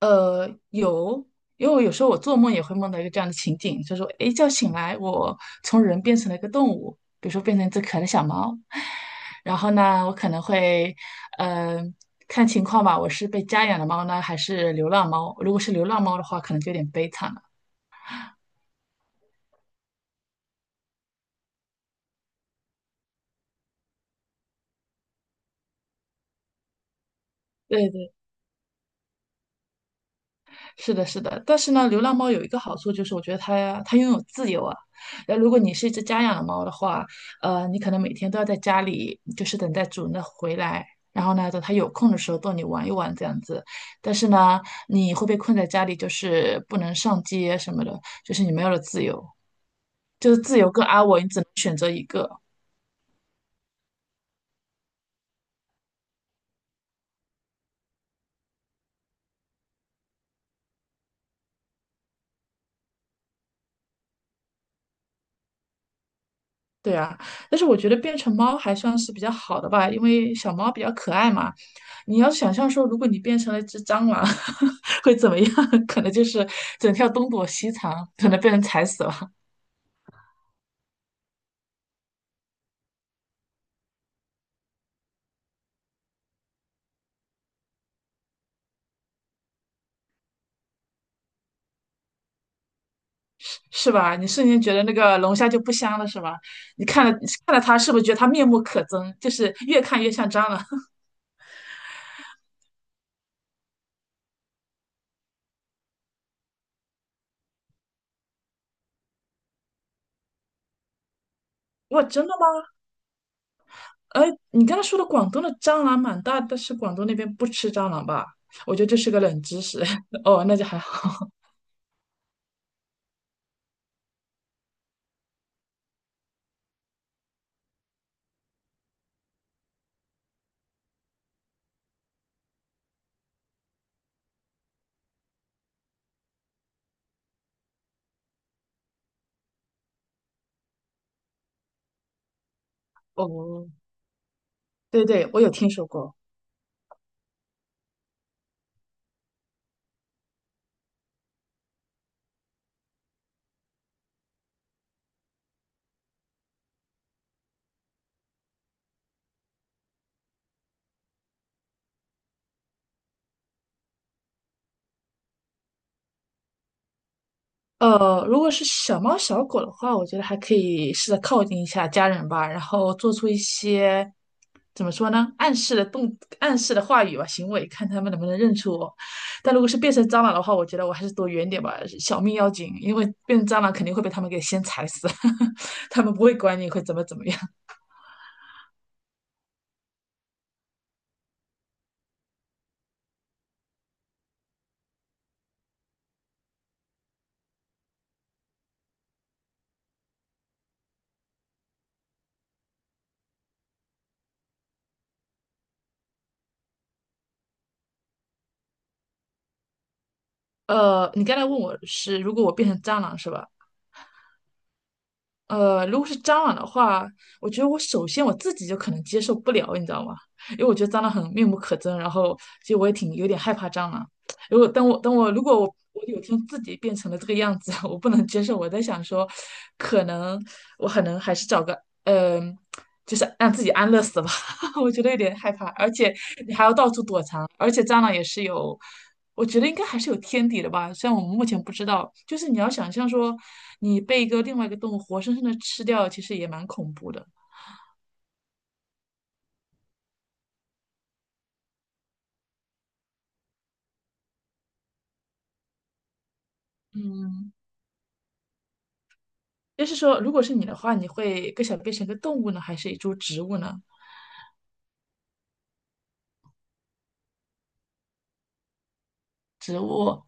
有，因为我有时候我做梦也会梦到一个这样的情景，就是说，一觉醒来，我从人变成了一个动物，比如说变成一只可爱的小猫。然后呢，我可能会，嗯，看情况吧，我是被家养的猫呢，还是流浪猫？如果是流浪猫的话，可能就有点悲惨了。对对，是的，是的，但是呢，流浪猫有一个好处就是，我觉得它拥有自由啊。那如果你是一只家养的猫的话，你可能每天都要在家里，就是等待主人的回来，然后呢，等它有空的时候逗你玩一玩这样子。但是呢，你会被困在家里，就是不能上街什么的，就是你没有了自由，就是自由跟安稳，你只能选择一个。对啊，但是我觉得变成猫还算是比较好的吧，因为小猫比较可爱嘛。你要想象说，如果你变成了一只蟑螂，会怎么样？可能就是整天要东躲西藏，可能被人踩死了，是吧？你瞬间觉得那个龙虾就不香了，是吧？你看了看了它，是不是觉得它面目可憎？就是越看越像蟑螂。哇，真的吗？哎，你刚才说的广东的蟑螂蛮大，但是广东那边不吃蟑螂吧？我觉得这是个冷知识。哦，那就还好。哦，对对，我有听说过。如果是小猫小狗的话，我觉得还可以试着靠近一下家人吧，然后做出一些怎么说呢，暗示的话语吧，行为，看他们能不能认出我。但如果是变成蟑螂的话，我觉得我还是躲远点吧，小命要紧，因为变成蟑螂肯定会被他们给先踩死，他们不会管你会怎么怎么样。你刚才问我是，如果我变成蟑螂是吧？如果是蟑螂的话，我觉得我首先自己就可能接受不了，你知道吗？因为我觉得蟑螂很面目可憎，然后其实我也挺有点害怕蟑螂。如果等我等我如果我我有天自己变成了这个样子，我不能接受。我在想说，可能我可能还是找个嗯、呃就是让自己安乐死吧。我觉得有点害怕，而且你还要到处躲藏，而且蟑螂也是有，我觉得应该还是有天敌的吧，虽然我们目前不知道，就是你要想象说，你被另外一个动物活生生的吃掉，其实也蛮恐怖的。嗯，就是说，如果是你的话，你会更想变成一个动物呢，还是一株植物呢？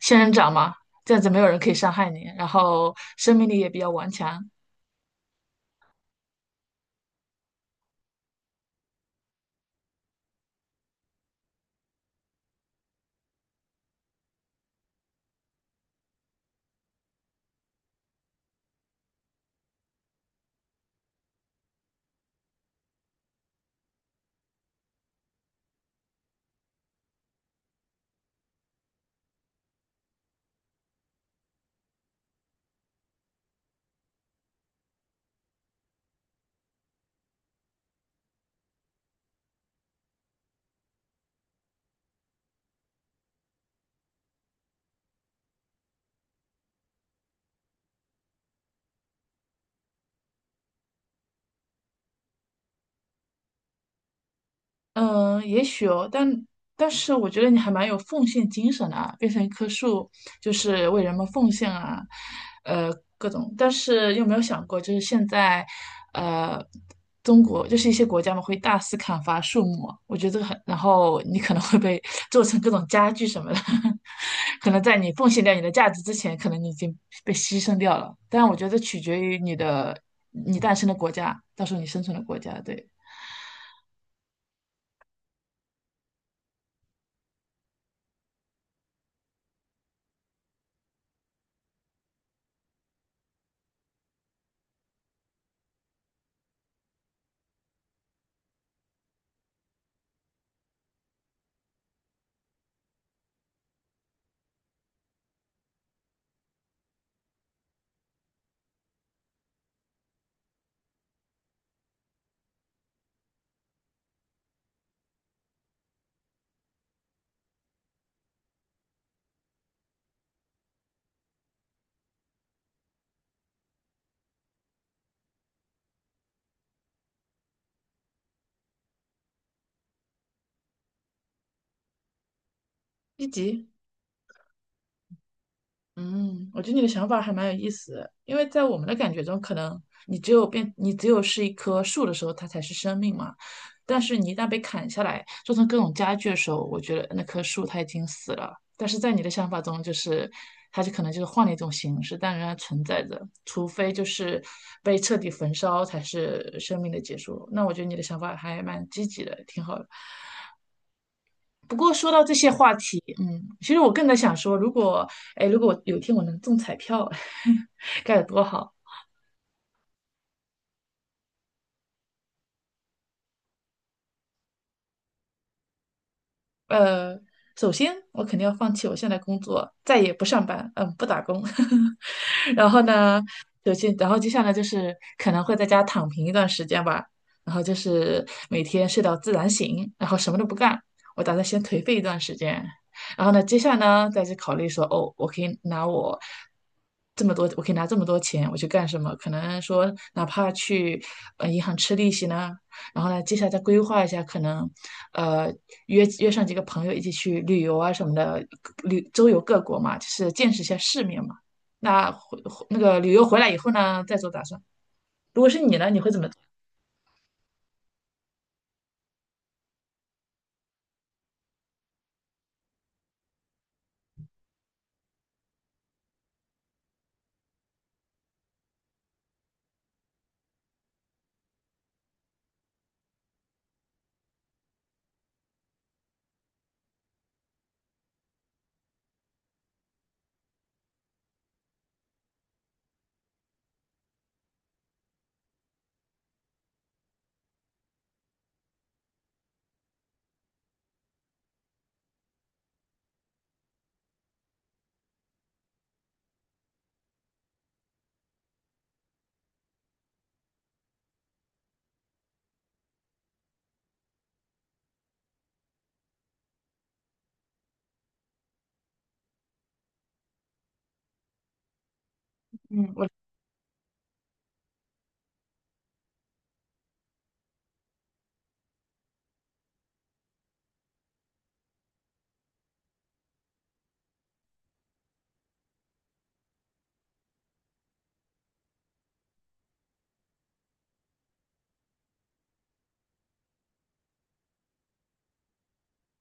仙人掌嘛，这样子没有人可以伤害你，然后生命力也比较顽强。嗯，也许哦，但是我觉得你还蛮有奉献精神的啊，变成一棵树就是为人们奉献啊，呃，各种。但是有没有想过，就是现在，呃，中国就是一些国家嘛，会大肆砍伐树木啊我觉得这个很，然后你可能会被 做成各种家具什么的，可能在你奉献掉你的价值之前，可能你已经被牺牲掉了。但我觉得取决于你诞生的国家，到时候你生存的国家，对。一级。嗯，我觉得你的想法还蛮有意思的，因为在我们的感觉中，可能你只有是一棵树的时候，它才是生命嘛。但是你一旦被砍下来，做成各种家具的时候，我觉得那棵树它已经死了。但是在你的想法中，它就可能就是换了一种形式，但仍然存在着，除非就是被彻底焚烧才是生命的结束。那我觉得你的想法还蛮积极的，挺好的。不过说到这些话题，嗯，其实我更在想说，如果，哎，如果有一天我能中彩票，该有多好。呃，首先我肯定要放弃我现在工作，再也不上班，嗯，不打工。然后呢，首先，然后接下来就是可能会在家躺平一段时间吧，然后就是每天睡到自然醒，然后什么都不干。我打算先颓废一段时间，然后呢，接下来呢，再去考虑说，哦，我可以拿这么多钱，我去干什么？可能说，哪怕去银行吃利息呢，然后呢，接下来再规划一下，可能呃约上几个朋友一起去旅游啊什么的，周游各国嘛，就是见识一下世面嘛。那回那个旅游回来以后呢，再做打算。如果是你呢，你会怎么做？嗯。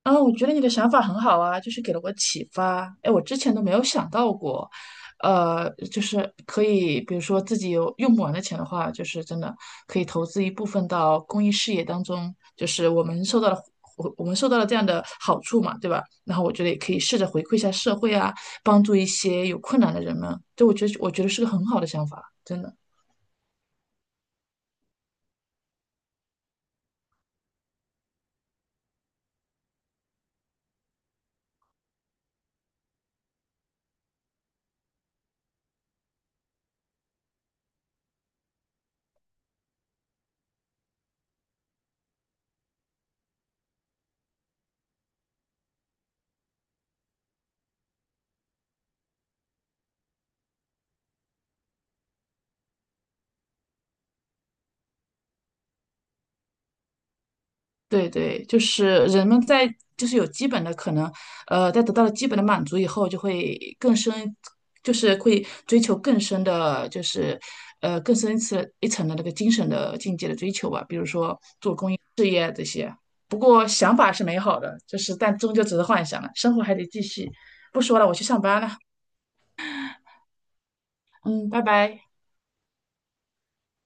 啊，我觉得你的想法很好啊，就是给了我启发。哎，我之前都没有想到过，就是可以，比如说自己有用不完的钱的话，就是真的可以投资一部分到公益事业当中，就是我们受到了这样的好处嘛，对吧？然后我觉得也可以试着回馈一下社会啊，帮助一些有困难的人们。就我觉得是个很好的想法，真的。对对，就是人们在就是有基本的可能，在得到了基本的满足以后，就会更深，就是会追求更深的，就是更深一层的那个精神的境界的追求吧。比如说，不过想法是美好的，就是但终究只是幻想了，生活还得继续。不说了，我去上班了，嗯，拜拜。